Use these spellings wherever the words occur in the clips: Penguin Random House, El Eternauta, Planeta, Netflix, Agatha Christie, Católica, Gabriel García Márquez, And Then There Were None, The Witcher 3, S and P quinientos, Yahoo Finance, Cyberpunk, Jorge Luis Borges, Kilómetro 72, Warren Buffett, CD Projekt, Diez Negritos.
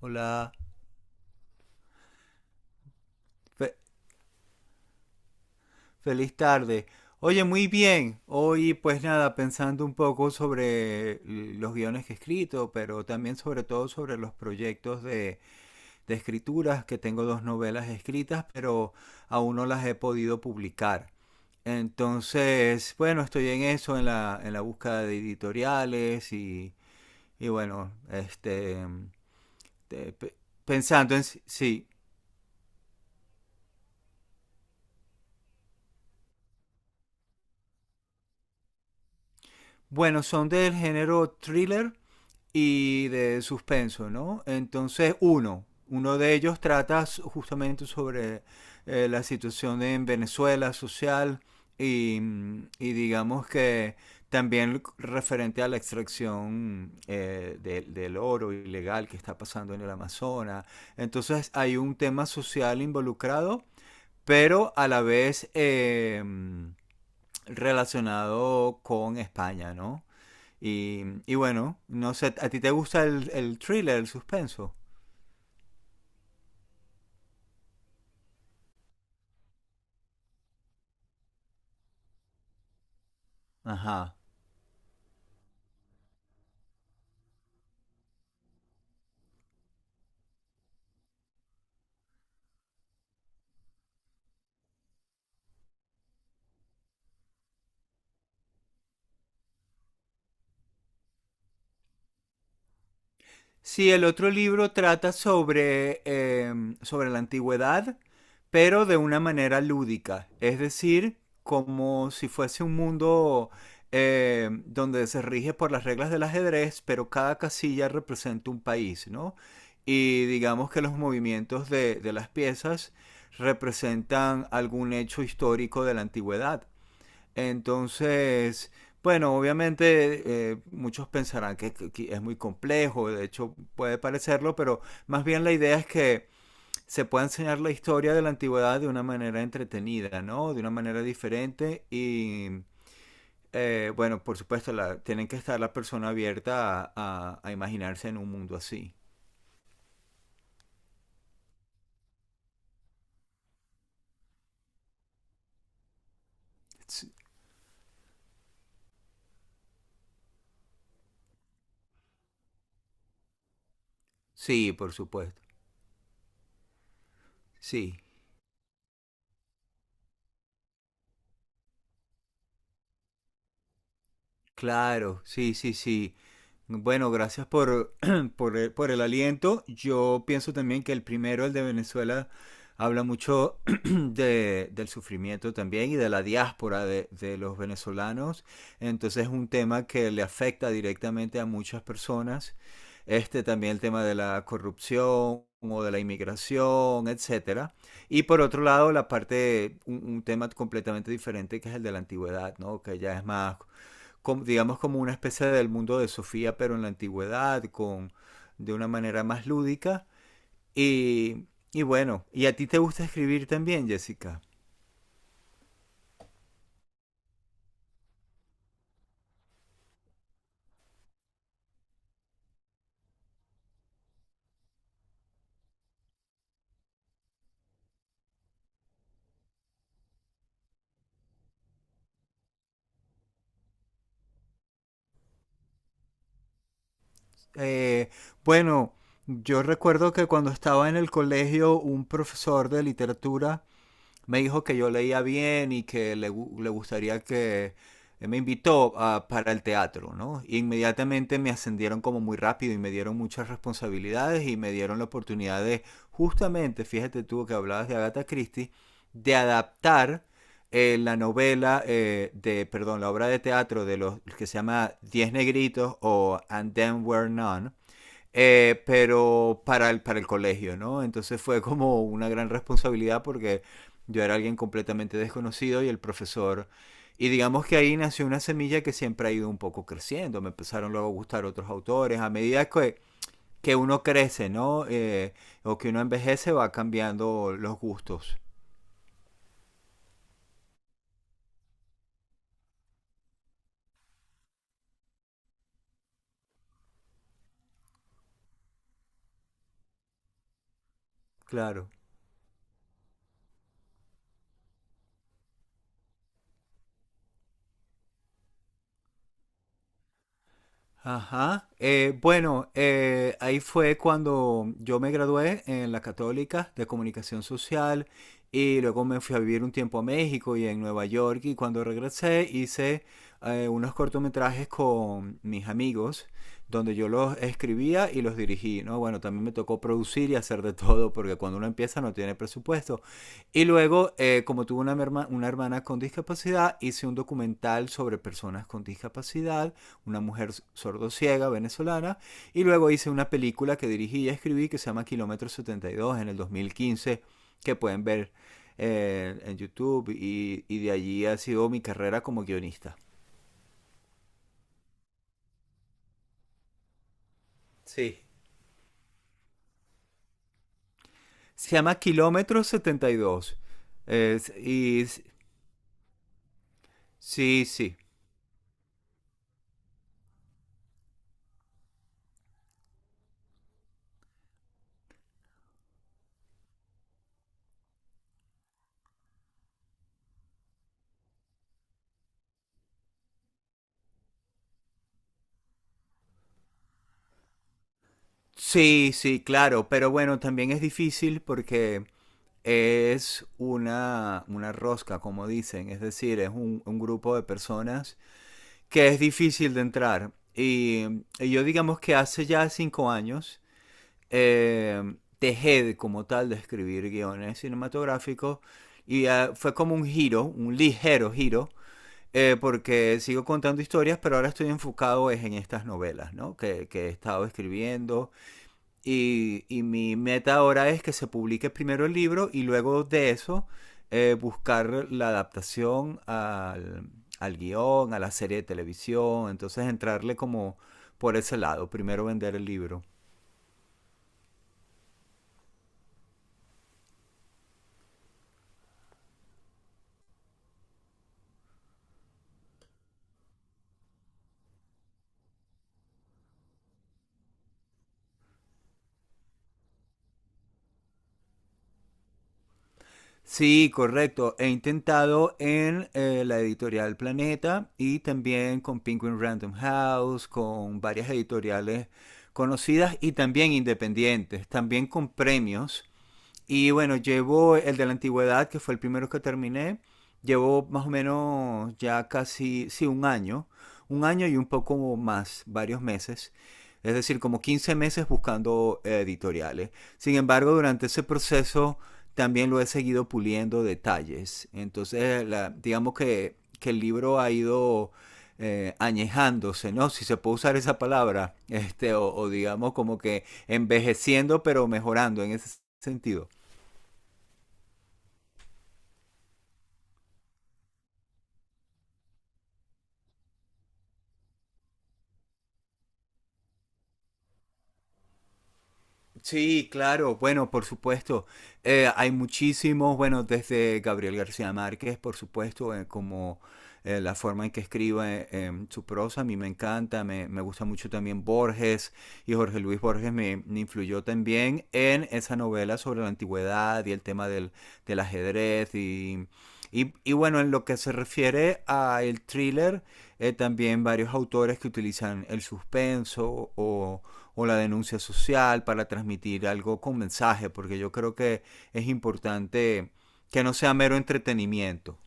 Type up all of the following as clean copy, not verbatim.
Hola, Fe- feliz tarde. Oye, muy bien. Hoy pues nada, pensando un poco sobre los guiones que he escrito, pero también sobre todo sobre los proyectos de, escrituras, que tengo dos novelas escritas, pero aún no las he podido publicar. Entonces, bueno, estoy en eso, en la, búsqueda de editoriales y bueno, te- pe- pensando en si, sí. Bueno, son del género thriller y de suspenso, ¿no? Entonces, uno de ellos trata justamente sobre la situación en Venezuela social y, y digamos que también referente a la extracción del oro ilegal que está pasando en el Amazonas. Entonces hay un tema social involucrado, pero a la vez relacionado con España, ¿no? Y bueno, no sé, ¿a ti te gusta el thriller, el suspenso? Ajá. Sí, el otro libro trata sobre la antigüedad, pero de una manera lúdica, es decir, como si fuese un mundo donde se rige por las reglas del ajedrez, pero cada casilla representa un país, ¿no? Y digamos que los movimientos de las piezas representan algún hecho histórico de la antigüedad. Entonces, bueno, obviamente muchos pensarán que es muy complejo, de hecho puede parecerlo, pero más bien la idea es que se pueda enseñar la historia de la antigüedad de una manera entretenida, ¿no? De una manera diferente y, bueno, por supuesto, tienen que estar la persona abierta a imaginarse en un mundo así. Sí, por supuesto. Sí, claro, sí, sí, sí. Bueno, gracias por el aliento. Yo pienso también que el primero, el de Venezuela, habla mucho del sufrimiento también y de la diáspora de los venezolanos. Entonces es un tema que le afecta directamente a muchas personas. Este también el tema de la corrupción o de la inmigración, etcétera. Y por otro lado, la parte, un tema completamente diferente que es el de la antigüedad, ¿no? Que ya es más como, digamos como una especie del mundo de Sofía, pero en la antigüedad, con, de una manera más lúdica. Y, y bueno, ¿y a ti te gusta escribir también, Jessica? Eh, bueno, yo recuerdo que cuando estaba en el colegio, un profesor de literatura me dijo que yo leía bien y que le gustaría que él me invitó para el teatro, ¿no? Y inmediatamente me ascendieron como muy rápido y me dieron muchas responsabilidades y me dieron la oportunidad de, justamente, fíjate tú que hablabas de Agatha Christie, de adaptar la novela perdón, la obra de teatro de los que se llama Diez Negritos o And Then Were None pero para el, colegio, ¿no? Entonces fue como una gran responsabilidad porque yo era alguien completamente desconocido y el profesor... Y digamos que ahí nació una semilla que siempre ha ido un poco creciendo. Me empezaron luego a gustar otros autores. A medida que uno crece, ¿no? O que uno envejece, va cambiando los gustos. Claro. Ajá. Bueno, ahí fue cuando yo me gradué en la Católica de Comunicación Social y luego me fui a vivir un tiempo a México y en Nueva York y cuando regresé hice unos cortometrajes con mis amigos donde yo los escribía y los dirigí, ¿no? Bueno, también me tocó producir y hacer de todo, porque cuando uno empieza no tiene presupuesto. Y luego, como tuve una hermana con discapacidad, hice un documental sobre personas con discapacidad, una mujer sordociega venezolana, y luego hice una película que dirigí y escribí que se llama Kilómetro 72 en el 2015, que pueden ver en YouTube, y de allí ha sido mi carrera como guionista. Sí. Se llama Kilómetro 72. Y sí, sí. Sí, sí, claro, pero bueno, también es difícil porque es una rosca, como dicen, es decir, es un grupo de personas que es difícil de entrar. Y yo digamos que hace ya 5 años eh, dejé como tal de escribir guiones cinematográficos y fue como un giro, un ligero giro, porque sigo contando historias, pero ahora estoy enfocado es en estas novelas, ¿no? Que he estado escribiendo y, mi meta ahora es que se publique primero el libro y luego de eso buscar la adaptación al guión, a la serie de televisión. Entonces entrarle como por ese lado, primero vender el libro. Sí, correcto. He intentado en la editorial Planeta y también con Penguin Random House, con varias editoriales conocidas y también independientes, también con premios. Y bueno, llevo el de la antigüedad, que fue el primero que terminé. Llevo más o menos ya casi, sí, un año. Un año y un poco más, varios meses. Es decir, como 15 meses buscando editoriales. Sin embargo, durante ese proceso también lo he seguido puliendo detalles. Entonces, digamos que el libro ha ido añejándose, ¿no? Si se puede usar esa palabra, o digamos como que envejeciendo, pero mejorando en ese sentido. Sí, claro, bueno, por supuesto. Hay muchísimos, bueno, desde Gabriel García Márquez, por supuesto, como la forma en que escribe su prosa. A mí me encanta, me gusta mucho también Borges, y Jorge Luis Borges me influyó también en esa novela sobre la antigüedad y el tema del ajedrez y, bueno, en lo que se refiere al thriller, también varios autores que utilizan el suspenso o la denuncia social para transmitir algo con mensaje, porque yo creo que es importante que no sea mero entretenimiento.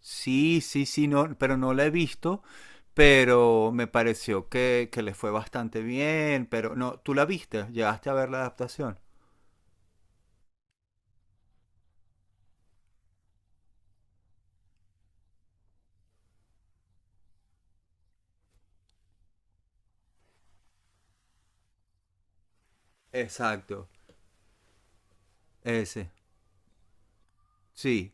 Sí, sí, sí, no, pero no la he visto, pero me pareció que le fue bastante bien, pero no, tú la viste, llegaste a ver la adaptación. Exacto, ese, sí,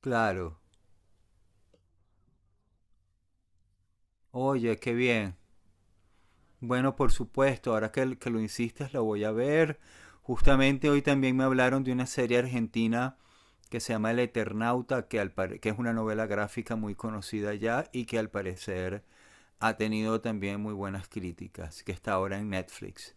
claro. Oye, qué bien. Bueno, por supuesto, ahora que lo insistes, lo voy a ver. Justamente hoy también me hablaron de una serie argentina que se llama El Eternauta, que es una novela gráfica muy conocida ya y que al parecer ha tenido también muy buenas críticas, que está ahora en Netflix.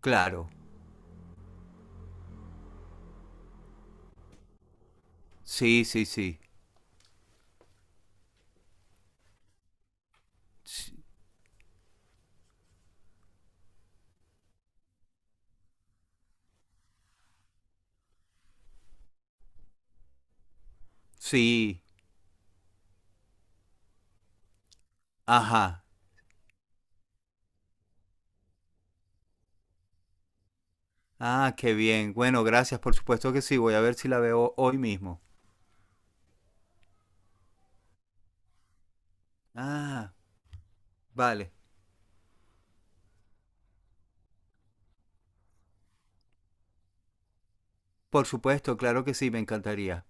Claro, sí, sí, sí. S- Sí, ajá. Ah, qué bien. Bueno, gracias, por supuesto que sí. Voy a ver si la veo hoy mismo. Ah, vale. Por supuesto, claro que sí, me encantaría.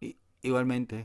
Igualmente.